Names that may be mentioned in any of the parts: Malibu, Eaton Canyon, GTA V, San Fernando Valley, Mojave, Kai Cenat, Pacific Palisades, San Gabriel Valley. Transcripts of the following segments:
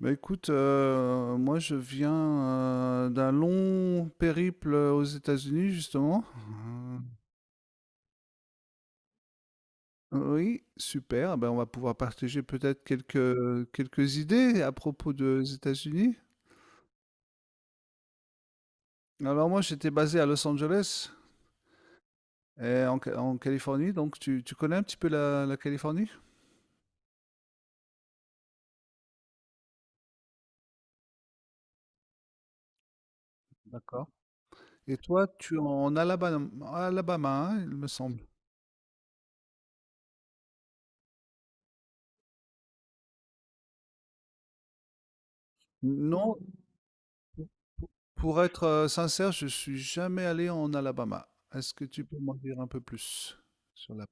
Bah écoute, moi je viens d'un long périple aux États-Unis justement. Oui, super. Ben on va pouvoir partager peut-être quelques idées à propos des États-Unis. Alors moi j'étais basé à Los Angeles et en Californie, donc tu connais un petit peu la Californie? D'accord. Et toi, tu es en Alabama, hein, il me semble. Non? Pour être, sincère, je suis jamais allé en Alabama. Est-ce que tu peux m'en dire un peu plus sur la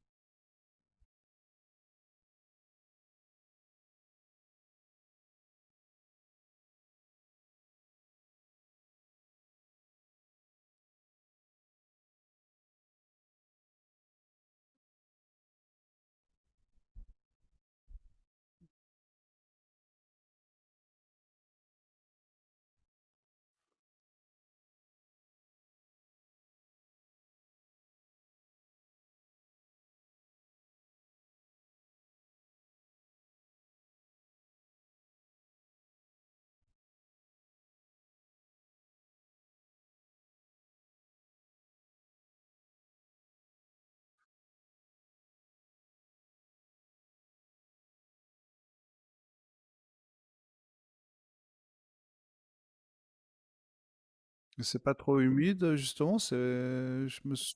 c'est pas trop humide, justement? C'est je me sou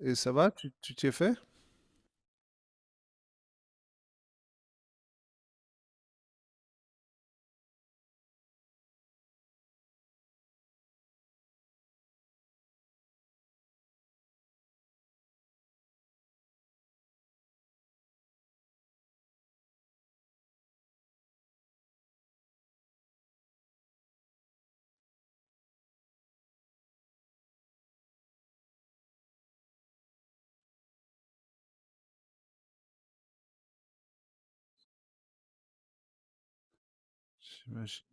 Et ça va? Tu t'y es fait? J'imagine.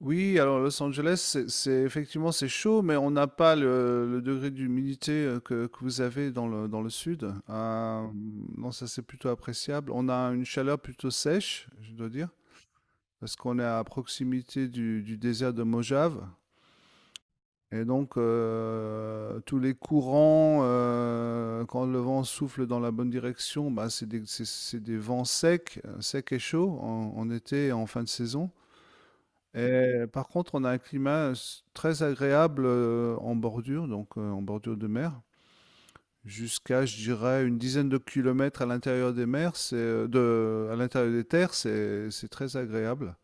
Oui, alors Los Angeles, c'est effectivement, c'est chaud, mais on n'a pas le degré d'humidité, que vous avez dans le sud. Hem, non, ça, c'est plutôt appréciable. On a une chaleur plutôt sèche, je dois dire, parce qu'on est à proximité du désert de Mojave. Et donc, tous les courants, quand le vent souffle dans la bonne direction, bah, c'est des vents secs, secs et chauds en été et en fin de saison, et par contre, on a un climat s très agréable, en bordure, donc en bordure de mer. Jusqu'à, je dirais, une dizaine de kilomètres à l'intérieur des mers, c'est, de à l'intérieur des terres, c'est très agréable.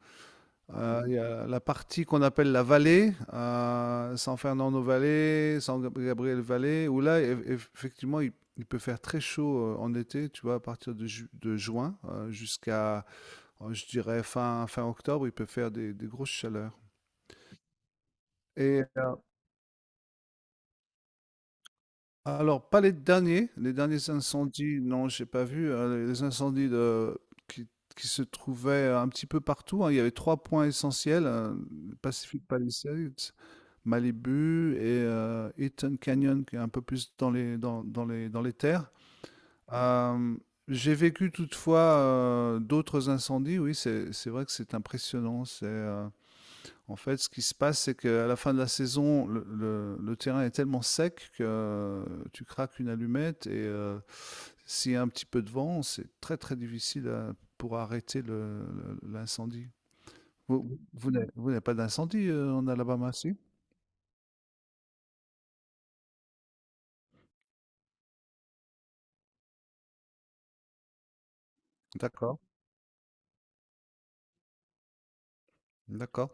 Il y a la partie qu'on appelle la vallée, San Fernando Valley, San Gabriel Valley, où là, effectivement, il peut faire très chaud en été, tu vois, à partir de, de juin jusqu'à, je dirais, fin octobre, il peut faire des grosses chaleurs. Et alors, pas les derniers incendies, non, j'ai pas vu, les incendies qui, qui se trouvaient un petit peu partout, hein, il y avait trois points essentiels, le Pacific Palisades. Malibu et Eaton Canyon, qui est un peu plus dans les terres. Euh, j'ai vécu toutefois d'autres incendies. Oui, c'est vrai que c'est impressionnant. En fait, ce qui se passe, c'est qu'à la fin de la saison, le terrain est tellement sec que tu craques une allumette et s'il y a un petit peu de vent, c'est très très difficile pour arrêter l'incendie. Vous, vous n'avez pas d'incendie en Alabama, si? D'accord. D'accord.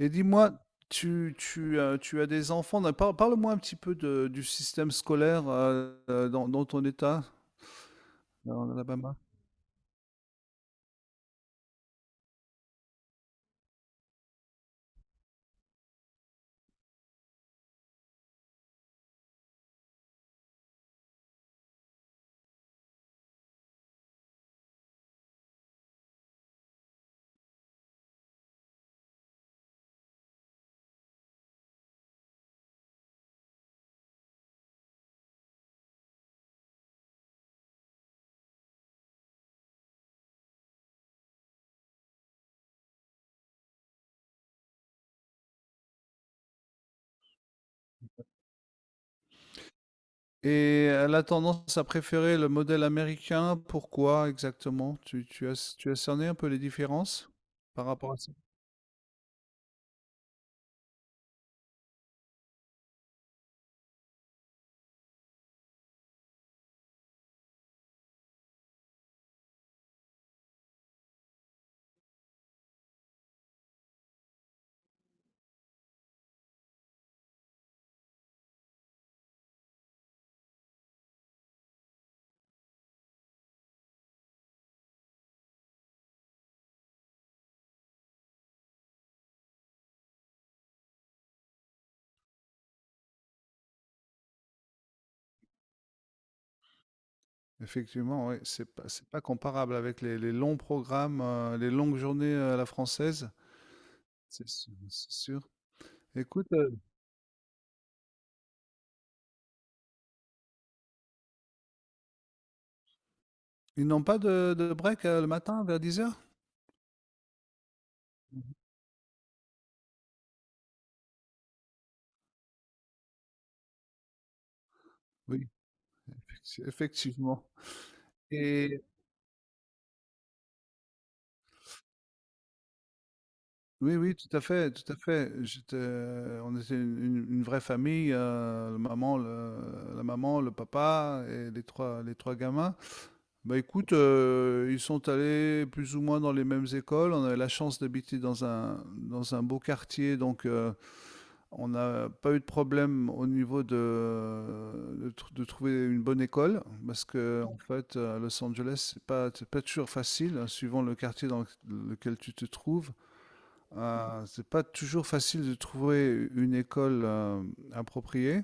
Et dis-moi, tu as des enfants. Non, parle-moi un petit peu du système scolaire dans ton état, en Alabama. Et elle a tendance à préférer le modèle américain. Pourquoi exactement? Tu as cerné un peu les différences par rapport à ça? Effectivement, oui, c'est pas comparable avec les longs programmes, les longues journées à la française. C'est sûr, c'est sûr. Écoute, ils n'ont pas de break le matin vers 10 h? Oui, effectivement. Oui, oui, tout à fait, tout à fait. On était une vraie famille, la maman, le papa et les trois gamins. Bah écoute, ils sont allés plus ou moins dans les mêmes écoles. On avait la chance d'habiter dans un beau quartier, donc on n'a pas eu de problème au niveau de trouver une bonne école, parce que en fait, à Los Angeles, c'est pas toujours facile, hein, suivant le quartier dans lequel tu te trouves. C'est pas toujours facile de trouver une école appropriée.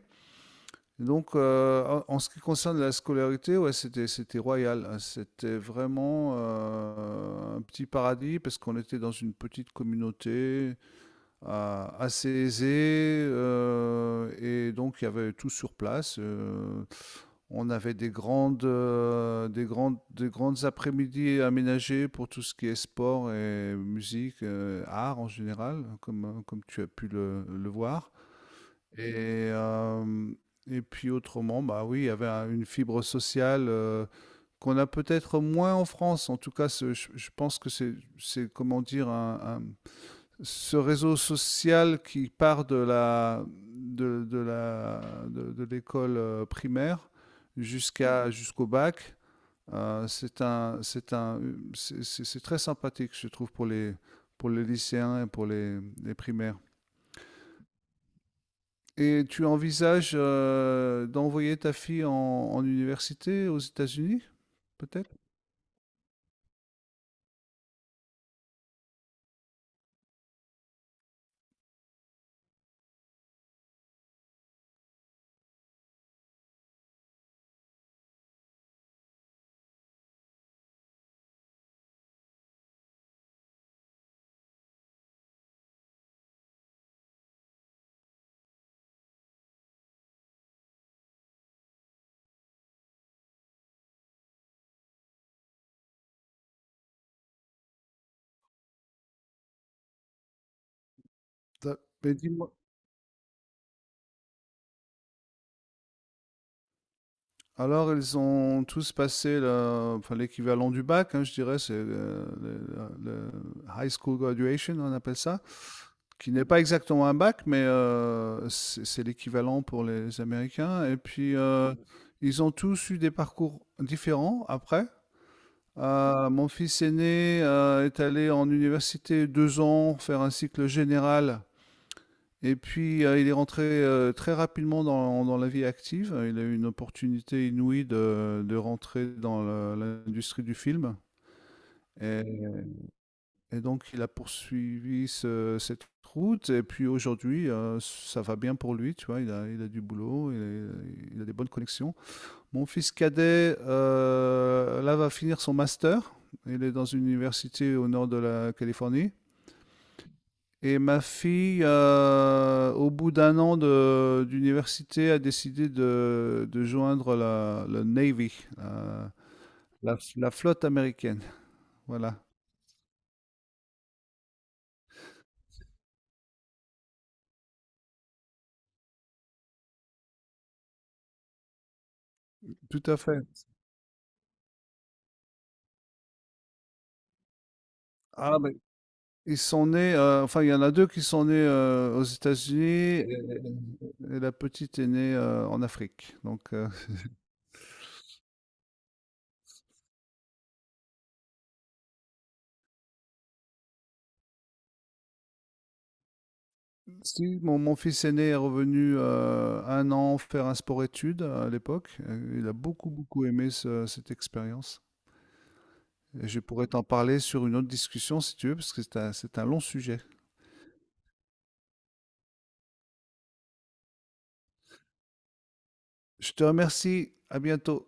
Donc, en ce qui concerne la scolarité, ouais, c'était royal, hein. C'était vraiment un petit paradis parce qu'on était dans une petite communauté assez aisée et donc il y avait tout sur place. On avait des grandes après-midi aménagées pour tout ce qui est sport et musique, art en général, comme tu as pu le voir. Et, euh, et puis autrement, bah oui, il y avait une fibre sociale qu'on a peut-être moins en France. En tout cas, je pense que comment dire, ce réseau social qui part de l'école primaire jusqu'au bac, c'est un c'est un c'est très sympathique je trouve pour les lycéens et les primaires. Et tu envisages d'envoyer ta fille en université aux États-Unis peut-être. Ça- mais dis-moi. Alors, ils ont tous passé enfin, l'équivalent du bac, hein, je dirais, c'est le high school graduation, on appelle ça, qui n'est pas exactement un bac, mais c'est l'équivalent pour les Américains. Et puis, ils ont tous eu des parcours différents après. Mon fils aîné est allé en université 2 ans faire un cycle général et puis, il est rentré, très rapidement dans la vie active. Il a eu une opportunité inouïe de rentrer dans le l'industrie du film et donc il a poursuivi ce cette route et puis aujourd'hui, ça va bien pour lui, tu vois? Il a du boulot, il a des bonnes connexions. Mon fils cadet, là, va finir son master. Il est dans une université au nord de la Californie. Et ma fille, au bout d'un an d'université, a décidé de joindre le Navy, la flotte américaine. Voilà, tout à fait. Ah, mais ils sont nés, enfin, il y en a deux qui sont nés aux États-Unis et, et la petite est née en Afrique. Donc, si mon fils aîné est revenu un an faire un sport-études à l'époque, il a beaucoup, beaucoup aimé cette expérience. Et je pourrais t'en parler sur une autre discussion si tu veux, parce que c'est un long sujet. Je te remercie. À bientôt.